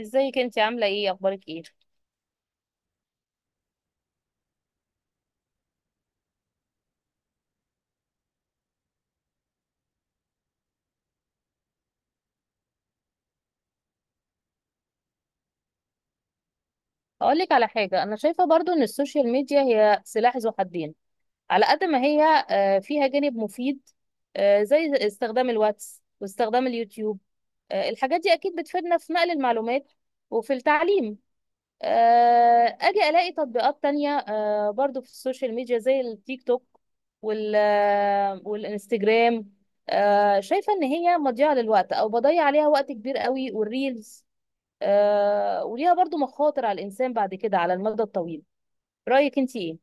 ازيك؟ انت عامله ايه؟ اخبارك ايه؟ اقول لك على حاجه، انا شايفه برضو ان السوشيال ميديا هي سلاح ذو حدين. على قد ما هي فيها جانب مفيد، زي استخدام الواتس واستخدام اليوتيوب. الحاجات دي اكيد بتفيدنا في نقل المعلومات وفي التعليم. اجي الاقي تطبيقات تانية برضو في السوشيال ميديا زي التيك توك وال آه، والانستجرام. شايفه ان هي مضيعه للوقت او بضيع عليها وقت كبير قوي، والريلز وليها برضو مخاطر على الإنسان بعد كده على المدى الطويل. رأيك أنت إيه؟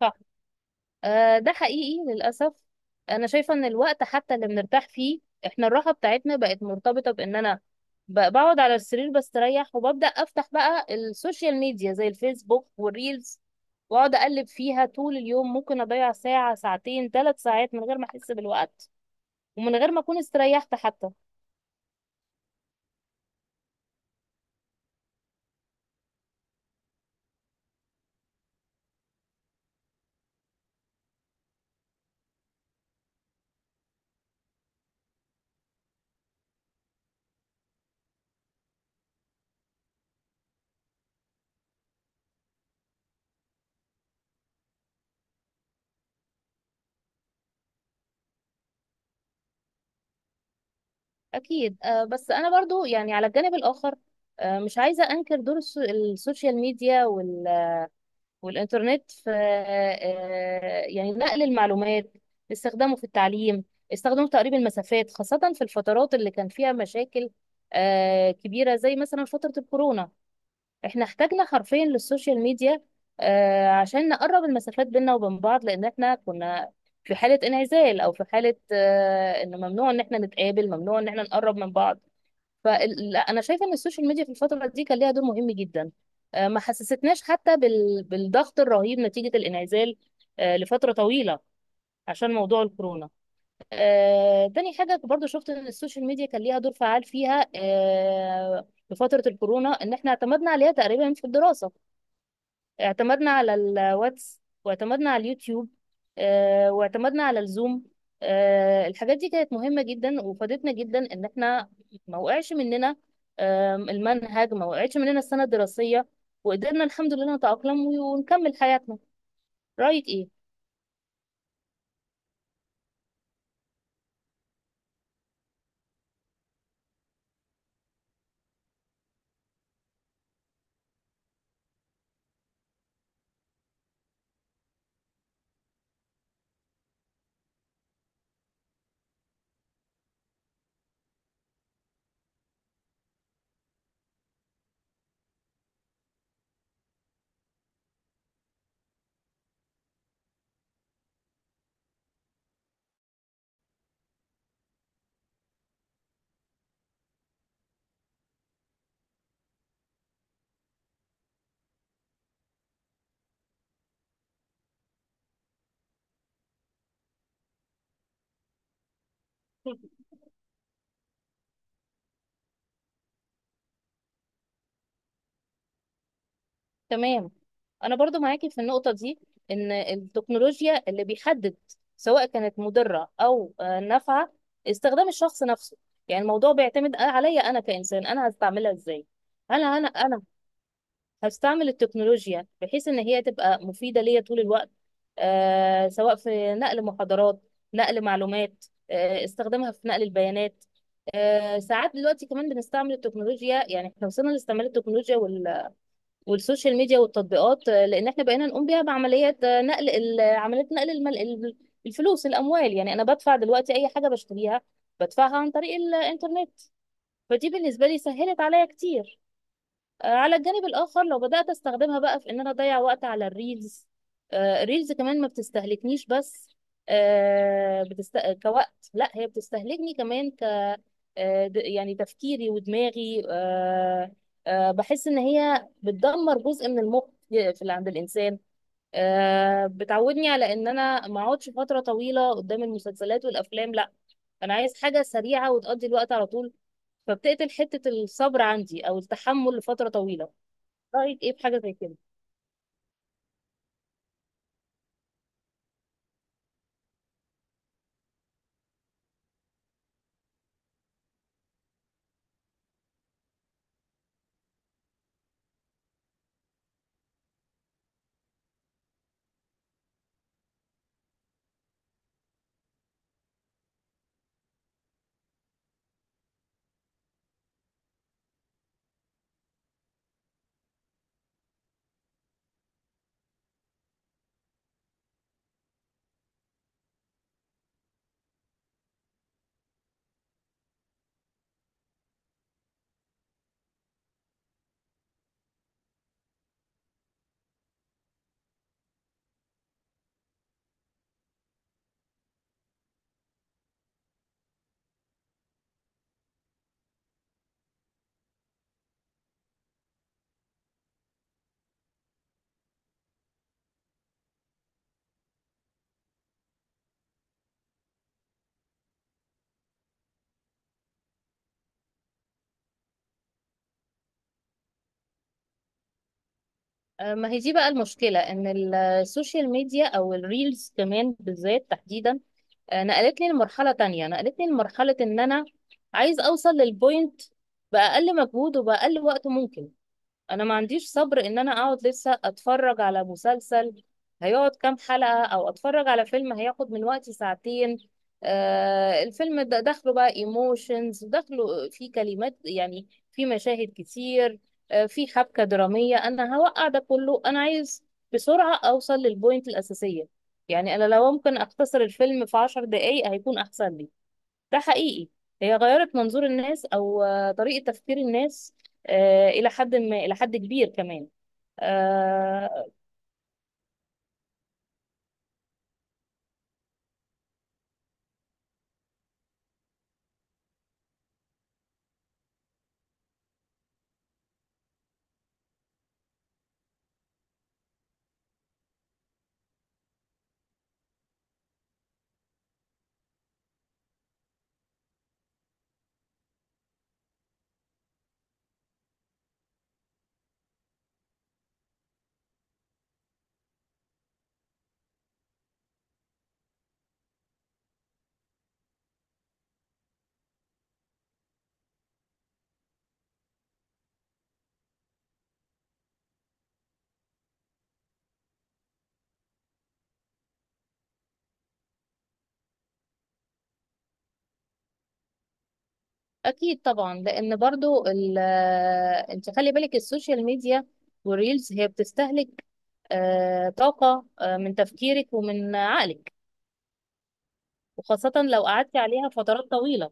صح. ده حقيقي للأسف. أنا شايفة إن الوقت حتى اللي بنرتاح فيه، إحنا الراحة بتاعتنا بقت مرتبطة بإن أنا بقعد على السرير بستريح، وببدأ أفتح بقى السوشيال ميديا زي الفيسبوك والريلز، وأقعد أقلب فيها طول اليوم. ممكن أضيع ساعة، ساعتين، 3 ساعات من غير ما أحس بالوقت، ومن غير ما أكون استريحت حتى. اكيد. بس انا برضو يعني على الجانب الاخر مش عايزه انكر دور السوشيال ميديا والانترنت في يعني نقل المعلومات، استخدامه في التعليم، استخدامه في تقريب المسافات، خاصه في الفترات اللي كان فيها مشاكل كبيره زي مثلا فتره الكورونا. احنا احتاجنا حرفيا للسوشيال ميديا عشان نقرب المسافات بيننا وبين بعض، لان احنا كنا في حاله انعزال، او في حاله ان ممنوع ان احنا نتقابل، ممنوع ان احنا نقرب من بعض. فانا شايفه ان السوشيال ميديا في الفتره دي كان ليها دور مهم جدا. ما حسستناش حتى بالضغط الرهيب نتيجه الانعزال لفتره طويله عشان موضوع الكورونا. تاني حاجه برضو شفت ان السوشيال ميديا كان ليها دور فعال فيها في فتره الكورونا، ان احنا اعتمدنا عليها تقريبا في الدراسه. اعتمدنا على الواتس، واعتمدنا على اليوتيوب، واعتمدنا على الزوم. الحاجات دي كانت مهمة جدا، وفادتنا جدا ان احنا ما وقعش مننا. المنهج ما وقعش مننا، السنة الدراسية. وقدرنا الحمد لله نتأقلم ونكمل حياتنا. رأيك ايه؟ تمام. انا برضو معاكي في النقطه دي، ان التكنولوجيا اللي بيحدد سواء كانت مضره او نافعه استخدام الشخص نفسه. يعني الموضوع بيعتمد عليا انا كانسان، انا هستعملها ازاي. هل انا هستعمل التكنولوجيا بحيث ان هي تبقى مفيده ليا طول الوقت، سواء في نقل محاضرات، نقل معلومات، استخدامها في نقل البيانات. ساعات دلوقتي كمان بنستعمل التكنولوجيا. يعني احنا وصلنا لاستعمال التكنولوجيا والسوشيال ميديا والتطبيقات لان احنا بقينا نقوم بيها بعمليات نقل عمليات نقل الفلوس، الاموال. يعني انا بدفع دلوقتي اي حاجه بشتريها، بدفعها عن طريق الانترنت. فدي بالنسبه لي سهلت عليا كتير. على الجانب الاخر لو بدات استخدمها بقى في ان انا اضيع وقت على الريلز. الريلز كمان ما بتستهلكنيش بس كوقت، لا، هي بتستهلكني كمان يعني تفكيري ودماغي. بحس ان هي بتدمر جزء من المخ في عند الانسان. بتعودني على ان انا ما اقعدش فتره طويله قدام المسلسلات والافلام. لا، انا عايز حاجه سريعه وتقضي الوقت على طول، فبتقتل حته الصبر عندي او التحمل لفتره طويله. رايك ايه في حاجه زي كده؟ ما هي دي بقى المشكله، ان السوشيال ميديا او الريلز كمان بالذات تحديدا نقلتني لمرحلة تانية. نقلتني لمرحلة ان انا عايز اوصل للبوينت بأقل مجهود وبأقل وقت ممكن. انا ما عنديش صبر ان انا اقعد لسه اتفرج على مسلسل هيقعد كام حلقة، او اتفرج على فيلم هياخد من وقتي ساعتين. الفيلم ده داخله بقى ايموشنز، داخله فيه كلمات، يعني فيه مشاهد كتير، فيه حبكة درامية. انا هوقع ده كله؟ انا عايز بسرعة اوصل للبوينت الاساسية. يعني انا لو ممكن اختصر الفيلم في 10 دقايق هيكون احسن لي. ده حقيقي. هي غيرت منظور الناس او طريقة تفكير الناس الى حد ما، الى حد كبير كمان. آه، اكيد طبعا، لان برضو انت خلي بالك، السوشيال ميديا والريلز هي بتستهلك طاقة من تفكيرك ومن عقلك، وخاصة لو قعدتي عليها فترات طويلة.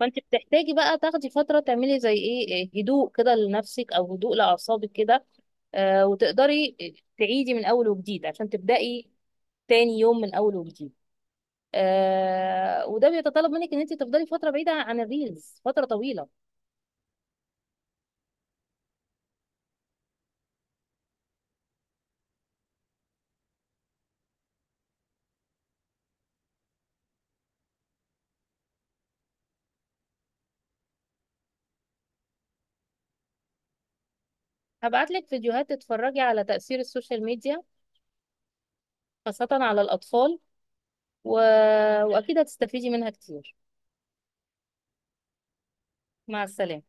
فانت بتحتاجي بقى تاخدي فترة تعملي زي ايه هدوء كده لنفسك او هدوء لأعصابك كده، وتقدري تعيدي من اول وجديد عشان تبدأي تاني يوم من اول وجديد. وده بيتطلب منك ان انت تفضلي فتره بعيده عن الريلز، فتره طويله. هبعت لك فيديوهات تتفرجي على تاثير السوشيال ميديا خاصه على الاطفال و... واكيد هتستفيدي منها كتير. مع السلامه.